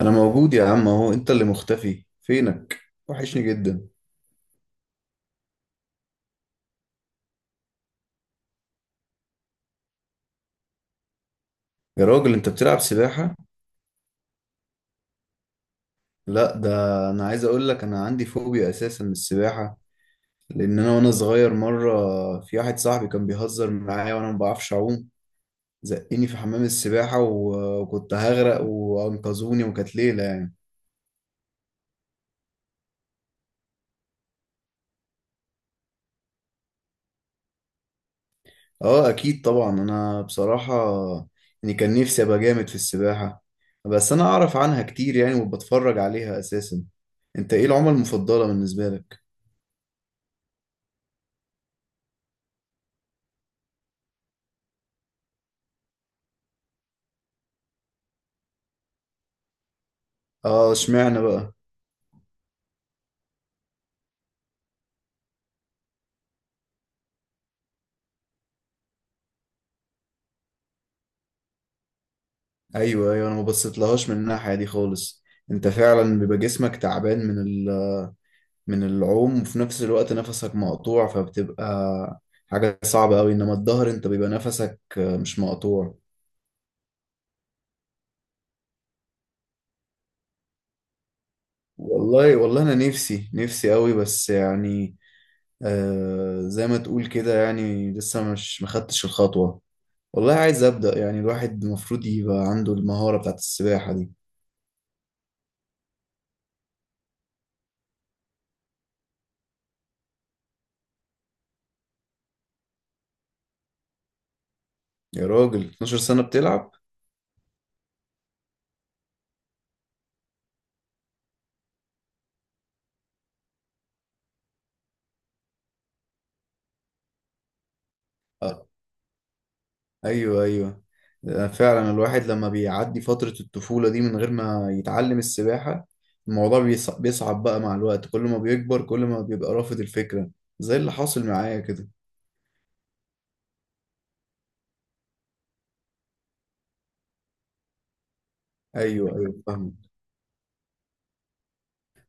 انا موجود يا عم اهو، انت اللي مختفي فينك. وحشني جدا. يا راجل انت بتلعب سباحة؟ لا ده انا عايز اقول لك، انا عندي فوبيا اساسا من السباحة، لان انا وانا صغير مرة في واحد صاحبي كان بيهزر معايا وانا ما بعرفش اعوم، زقني في حمام السباحة وكنت هغرق وانقذوني، وكانت ليلة يعني. اه اكيد طبعا، انا بصراحة يعني كان نفسي ابقى جامد في السباحة، بس انا اعرف عنها كتير يعني وبتفرج عليها اساسا. انت ايه العمى المفضلة بالنسبة لك؟ اه، اشمعنى بقى؟ ايوه ايوه، انا ما بصيتلهاش من الناحيه دي خالص. انت فعلا بيبقى جسمك تعبان من من العوم، وفي نفس الوقت نفسك مقطوع، فبتبقى حاجه صعبه قوي. انما الظهر انت بيبقى نفسك مش مقطوع. والله والله انا نفسي نفسي قوي، بس يعني زي ما تقول كده، يعني لسه مش مخدتش الخطوه. والله عايز ابدا، يعني الواحد المفروض يبقى عنده المهاره بتاعت السباحه دي. يا راجل 12 سنه بتلعب؟ ايوه ايوه. فعلا الواحد لما بيعدي فترة الطفولة دي من غير ما يتعلم السباحة، الموضوع بيصعب بقى مع الوقت. كل ما بيكبر كل ما بيبقى رافض الفكرة، زي اللي حاصل معايا كده. ايوه ايوه، فاهم.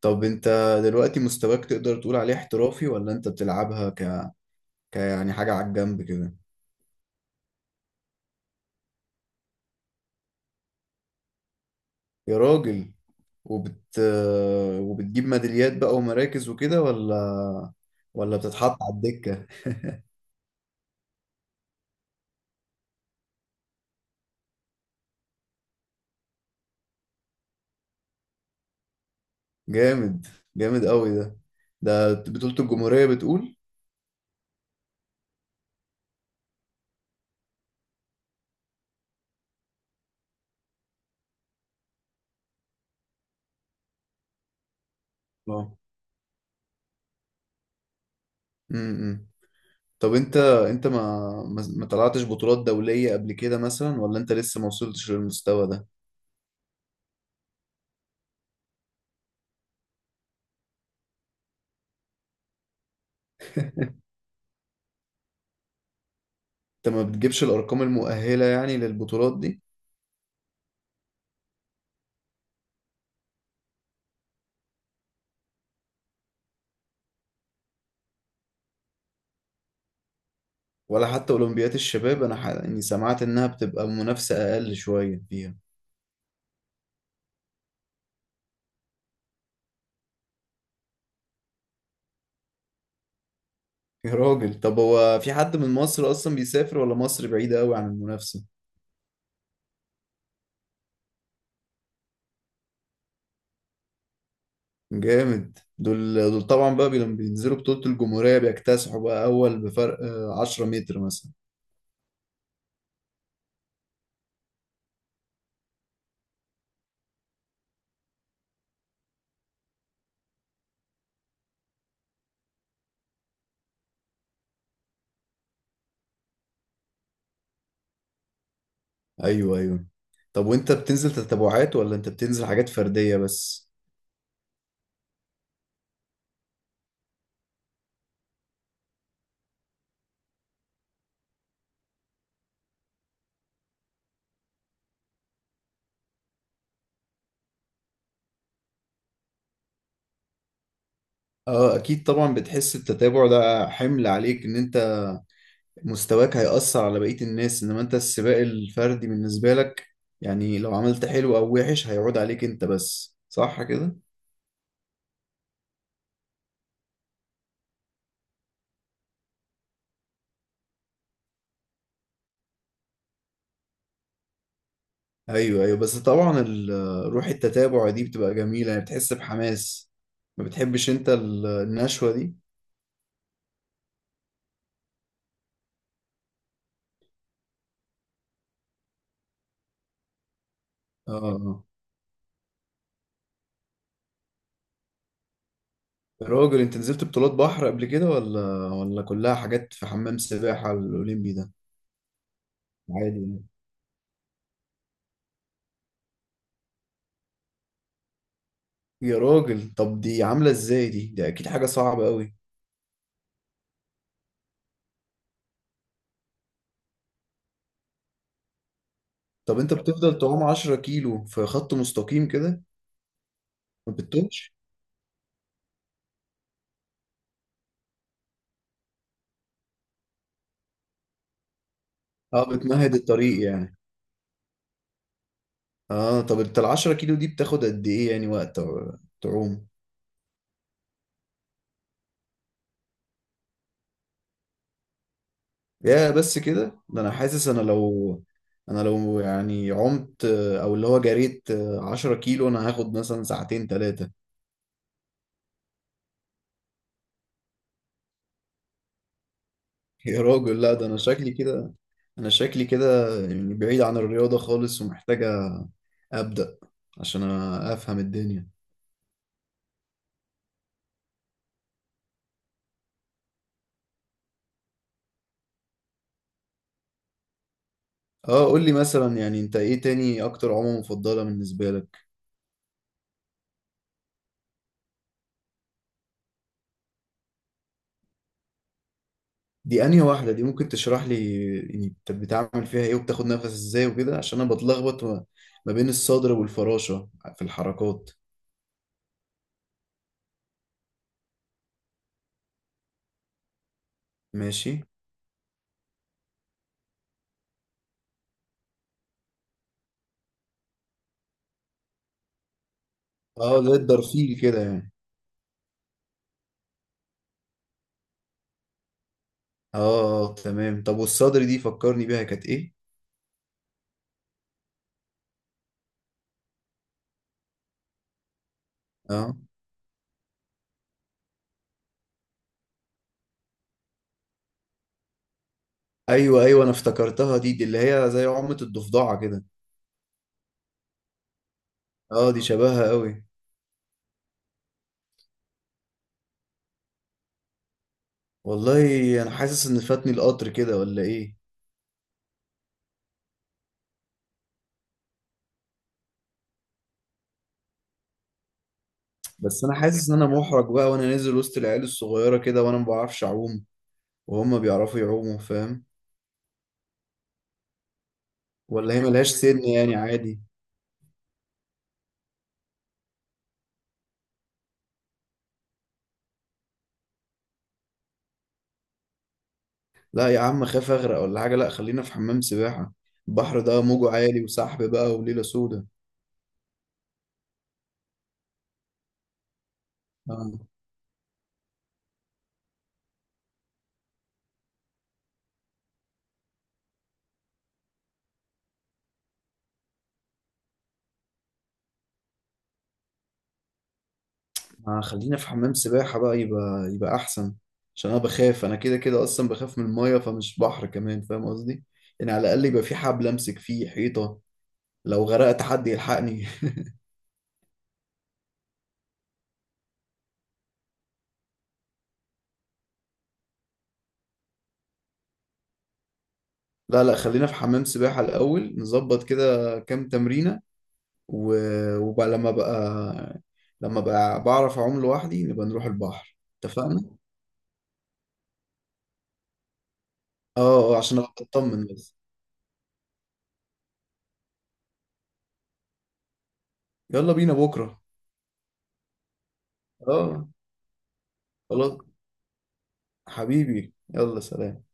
طب انت دلوقتي مستواك تقدر تقول عليه احترافي، ولا انت بتلعبها ك يعني حاجة على الجنب كده؟ يا راجل، وبت وبتجيب ميداليات بقى ومراكز وكده، ولا بتتحط على الدكة؟ جامد. جامد قوي ده. ده بطولة الجمهورية بتقول؟ اه. امم. طب انت انت ما طلعتش بطولات دولية قبل كده مثلا، ولا انت لسه ما وصلتش للمستوى ده؟ انت ما بتجيبش الارقام المؤهلة يعني للبطولات دي؟ ولا حتى اولمبيات الشباب؟ انا يعني سمعت انها بتبقى منافسة اقل شوية فيها. يا راجل، طب هو في حد من مصر اصلا بيسافر، ولا مصر بعيدة قوي عن المنافسة؟ جامد. دول طبعا بقى لما بينزلوا بطولة الجمهورية بيكتسحوا بقى، اول بفرق 10 متر مثلا. ايوه ايوه. طب وانت بتنزل تتابعات، ولا انت بتنزل حاجات فردية بس؟ اه اكيد طبعا، بتحس التتابع ده حمل عليك، ان انت مستواك هيأثر على بقية الناس. انما انت السباق الفردي بالنسبة لك، يعني لو عملت حلو او وحش هيعود عليك انت بس، صح كده؟ ايوه ايوه، بس طبعا روح التتابع دي بتبقى جميلة، يعني بتحس بحماس. ما بتحبش انت النشوة دي؟ اه. آه. يا راجل، انت نزلت بطولات بحر قبل كده، ولا كلها حاجات في حمام سباحة الأولمبي ده؟ عادي يعني. يا راجل، طب دي عاملة ازاي دي؟ ده اكيد حاجة صعبة قوي. طب انت بتفضل تعوم 10 كيلو في خط مستقيم كده؟ ما بتتوهش؟ اه، بتمهد الطريق يعني. اه، طب انت ال 10 كيلو دي بتاخد قد ايه يعني وقت تعوم؟ يا بس كده؟ ده انا حاسس انا لو، انا لو يعني عمت، او اللي هو جريت 10 كيلو، انا هاخد مثلا ساعتين ثلاثة. يا راجل لا، ده انا شكلي كده، انا شكلي كده يعني بعيد عن الرياضة خالص، ومحتاجة ابدأ عشان افهم الدنيا. اه قول لي مثلا، يعني انت ايه تاني اكتر عمى مفضلة بالنسبة لك؟ دي انهي واحدة دي؟ ممكن تشرح لي يعني انت بتعمل فيها ايه، وبتاخد نفس ازاي وكده؟ عشان انا بتلخبط ما ما بين الصدر والفراشة في الحركات. ماشي. اه، زي الدرفيل كده يعني. اه. تمام. طب والصدر دي فكرني بيها كانت ايه؟ اه. ايوه ايوه، انا افتكرتها دي اللي هي زي عمة الضفدعة كده. اه، دي شبهها قوي. والله انا حاسس ان فاتني القطر كده، ولا ايه؟ بس انا حاسس ان انا محرج بقى، وانا نازل وسط العيال الصغيرة كده وانا ما بعرفش اعوم، وهم بيعرفوا يعوموا، فاهم؟ ولا هي ملهاش سن يعني؟ عادي؟ لا يا عم، خاف اغرق ولا حاجة. لا، خلينا في حمام سباحة. البحر ده موجه عالي وسحب بقى وليلة سودة. آه. ما خلينا في حمام سباحة بقى، يبقى أحسن، عشان أنا بخاف. أنا كده كده أصلا بخاف من المية، فمش بحر كمان، فاهم قصدي؟ يعني على الأقل يبقى في حبل أمسك فيه، حيطة لو غرقت حد يلحقني. لا لا، خلينا في حمام سباحة الأول. نظبط كده كام تمرينة و... وبقى لما بقى لما بقى بعرف أعوم لوحدي، نبقى نروح البحر، اتفقنا؟ اه. عشان أبقى أطمن بس. يلا بينا بكرة. اه. خلاص. حبيبي، يلا سلام.